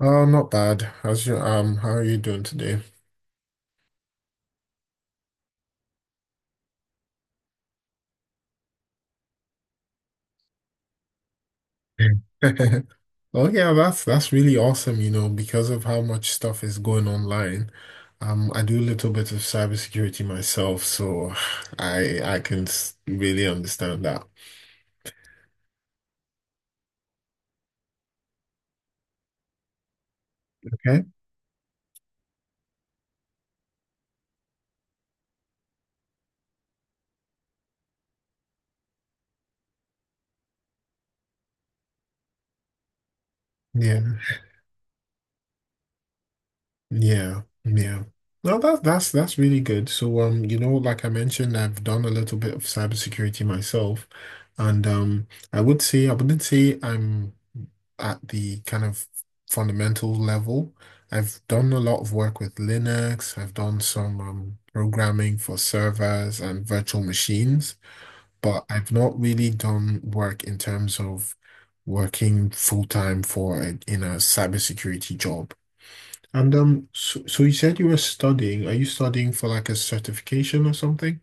Oh, not bad. How's your how are you doing today? Oh yeah, that's really awesome, you know, because of how much stuff is going online. I do a little bit of cybersecurity myself, so I can really understand that. Okay. Yeah. Yeah, yeah. No, that's really good. So, you know, like I mentioned, I've done a little bit of cybersecurity myself, and I would say I wouldn't say I'm at the kind of fundamental level. I've done a lot of work with Linux. I've done some programming for servers and virtual machines, but I've not really done work in terms of working full time for in a cybersecurity job. And so you said you were studying. Are you studying for like a certification or something?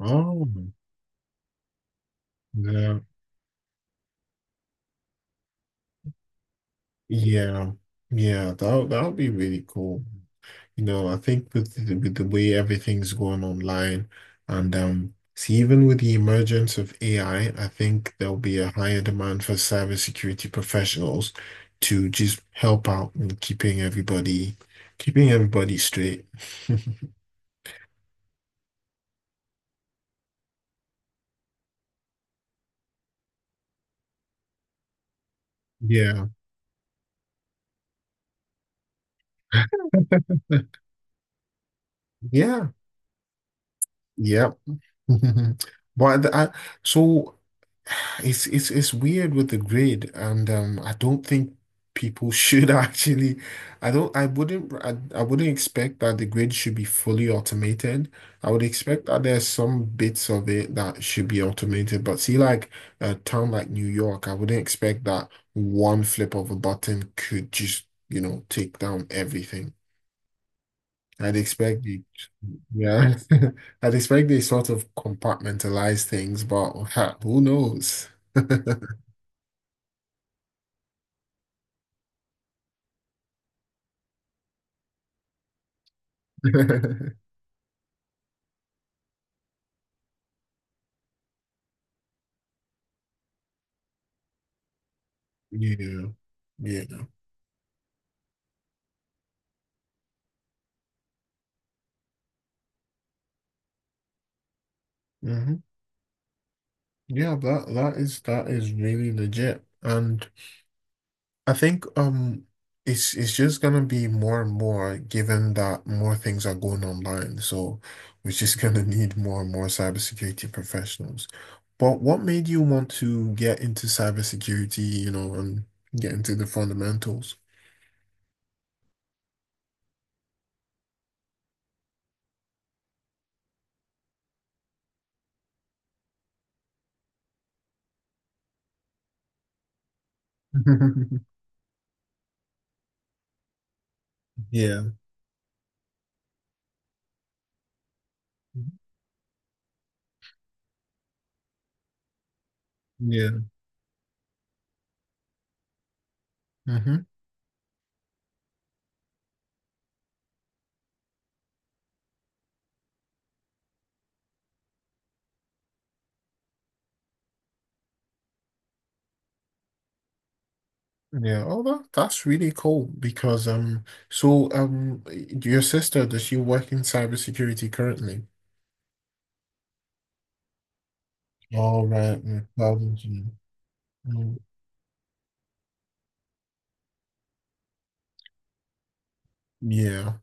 Oh, yeah, yeah, yeah. That that would be really cool. You know, I think with with the way everything's going online, and see, even with the emergence of AI, I think there'll be a higher demand for cybersecurity professionals to just help out in keeping everybody straight. Yeah. Yeah. Yeah. Mhm. But the- I, so it's it's weird with the grade, and I don't think people should actually. I don't. I wouldn't. I wouldn't expect that the grade should be fully automated. I would expect that there's some bits of it that should be automated. But see, like a town like New York, I wouldn't expect that one flip of a button could just, you know, take down everything. I'd expect the yeah. I'd expect they sort of compartmentalize things, but ha, who knows? Yeah. Yeah. hmm Yeah, that that is really legit. And I think it's just gonna be more and more given that more things are going online. So we're just gonna need more and more cybersecurity professionals. But what made you want to get into cybersecurity, you know, and get into the fundamentals? Yeah. Yeah. hmm Yeah. Oh, that's really cool because so um your sister, does she work in cybersecurity currently? All right. Cloud engineering. Mm, Yeah.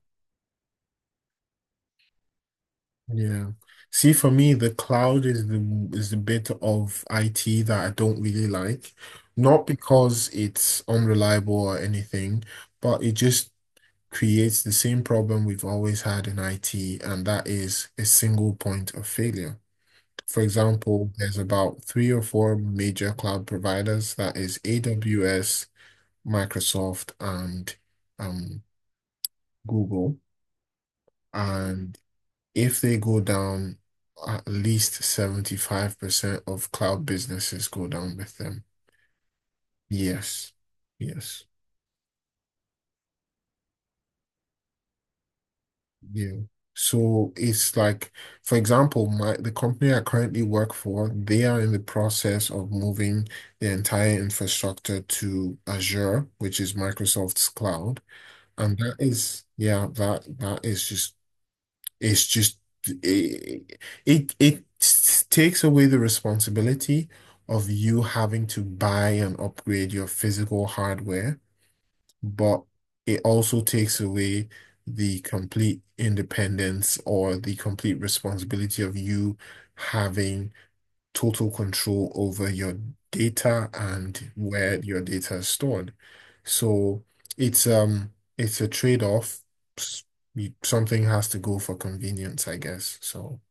Yeah. See, for me, the cloud is the bit of IT that I don't really like. Not because it's unreliable or anything, but it just creates the same problem we've always had in IT, and that is a single point of failure. For example, there's about three or four major cloud providers, that is AWS, Microsoft, and um, Google. And if they go down, at least 75% of cloud businesses go down with them. Yes. Yes. Yeah. So it's like, for example, my the company I currently work for, they are in the process of moving the entire infrastructure to Azure, which is Microsoft's cloud. And that is, yeah, that is just it's just it it takes away the responsibility of you having to buy and upgrade your physical hardware, but it also takes away the complete independence or the complete responsibility of you having total control over your data and where your data is stored. So it's a trade-off. S- Something has to go for convenience, I guess. So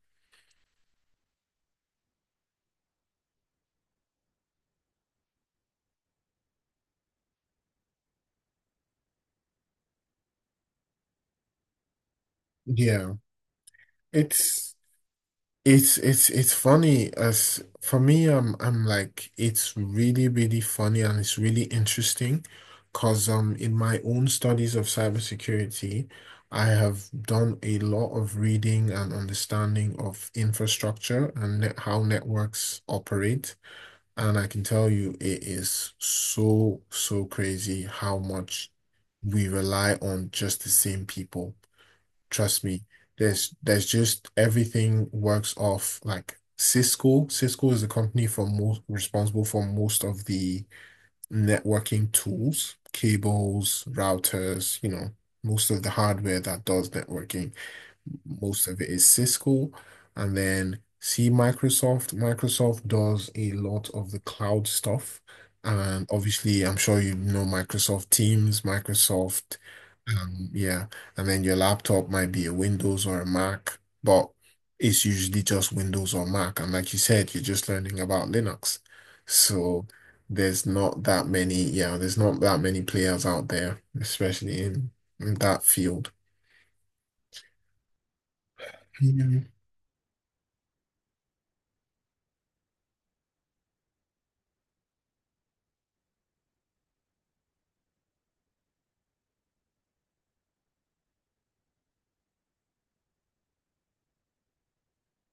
yeah, it's it's it's funny as for me, I'm like it's really really funny and it's really interesting, cause in my own studies of cybersecurity, I have done a lot of reading and understanding of infrastructure and how networks operate, and I can tell you it is so so crazy how much we rely on just the same people. Trust me, there's just everything works off like Cisco. Cisco is the company for most responsible for most of the networking tools, cables, routers, you know, most of the hardware that does networking, most of it is Cisco. And then see Microsoft. Microsoft does a lot of the cloud stuff. And obviously, I'm sure you know Microsoft Teams, Microsoft, yeah. And then your laptop might be a Windows or a Mac, but it's usually just Windows or Mac. And like you said, you're just learning about Linux. So there's not that many, yeah, there's not that many players out there, especially in that field. Yeah.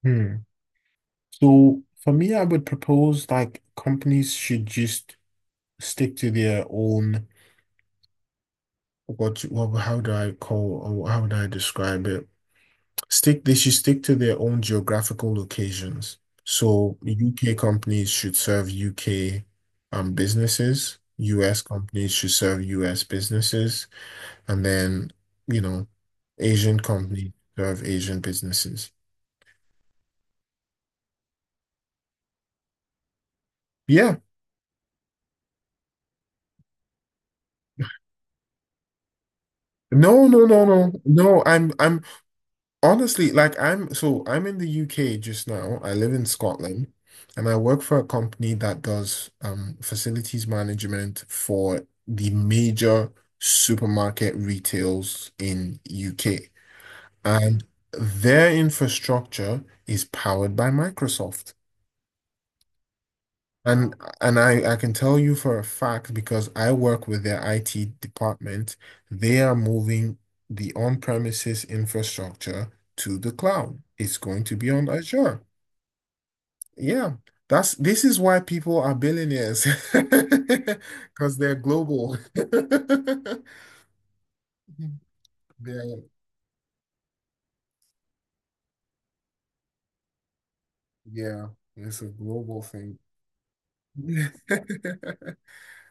Hmm. So for me, I would propose like companies should just stick to their own, what how do I call or how would I describe it? Stick They should stick to their own geographical locations. So UK companies should serve UK businesses, US companies should serve US businesses, and then you know, Asian companies serve Asian businesses. Yeah. No, no, no, no, no. I'm Honestly, like I'm so I'm in the UK just now. I live in Scotland and I work for a company that does facilities management for the major supermarket retails in UK. And their infrastructure is powered by Microsoft. And and I can tell you for a fact because I work with their IT department, they are moving the on-premises infrastructure to the cloud. It's going to be on Azure. Yeah. That's This is why people are billionaires because they're global. They're, yeah, it's a global thing.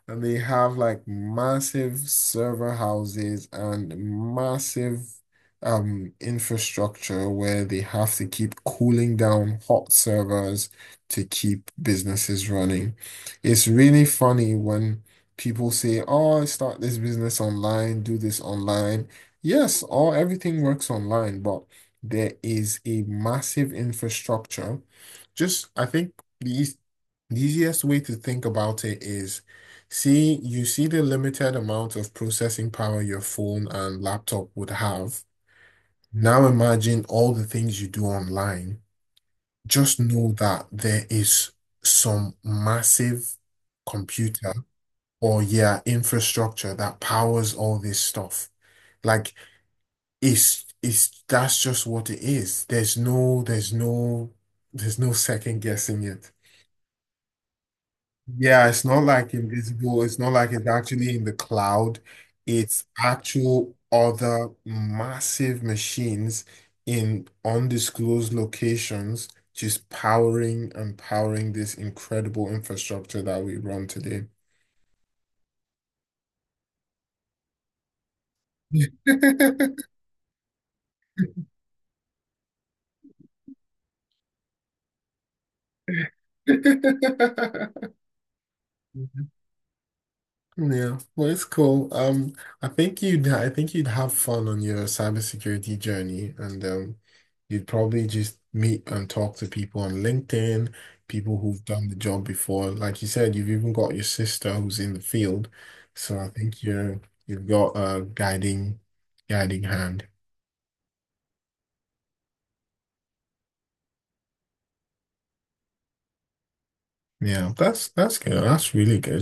And they have like massive server houses and massive infrastructure where they have to keep cooling down hot servers to keep businesses running. It's really funny when people say, "Oh, start this business online, do this online." Yes, all everything works online, but there is a massive infrastructure. Just I think the eas- the easiest way to think about it is, see, you see the limited amount of processing power your phone and laptop would have. Now imagine all the things you do online. Just know that there is some massive computer or yeah, infrastructure that powers all this stuff. Like it's that's just what it is. There's no there's no second guessing it. Yeah, it's not like invisible. It's not like it's actually in the cloud. It's actual other massive machines in undisclosed locations just powering and powering this incredible infrastructure that we run today. Yeah, well, it's cool. I think you'd have fun on your cybersecurity journey, and you'd probably just meet and talk to people on LinkedIn, people who've done the job before. Like you said, you've even got your sister who's in the field, so I think you're you've got a guiding hand. Yeah, that's good. That's really good.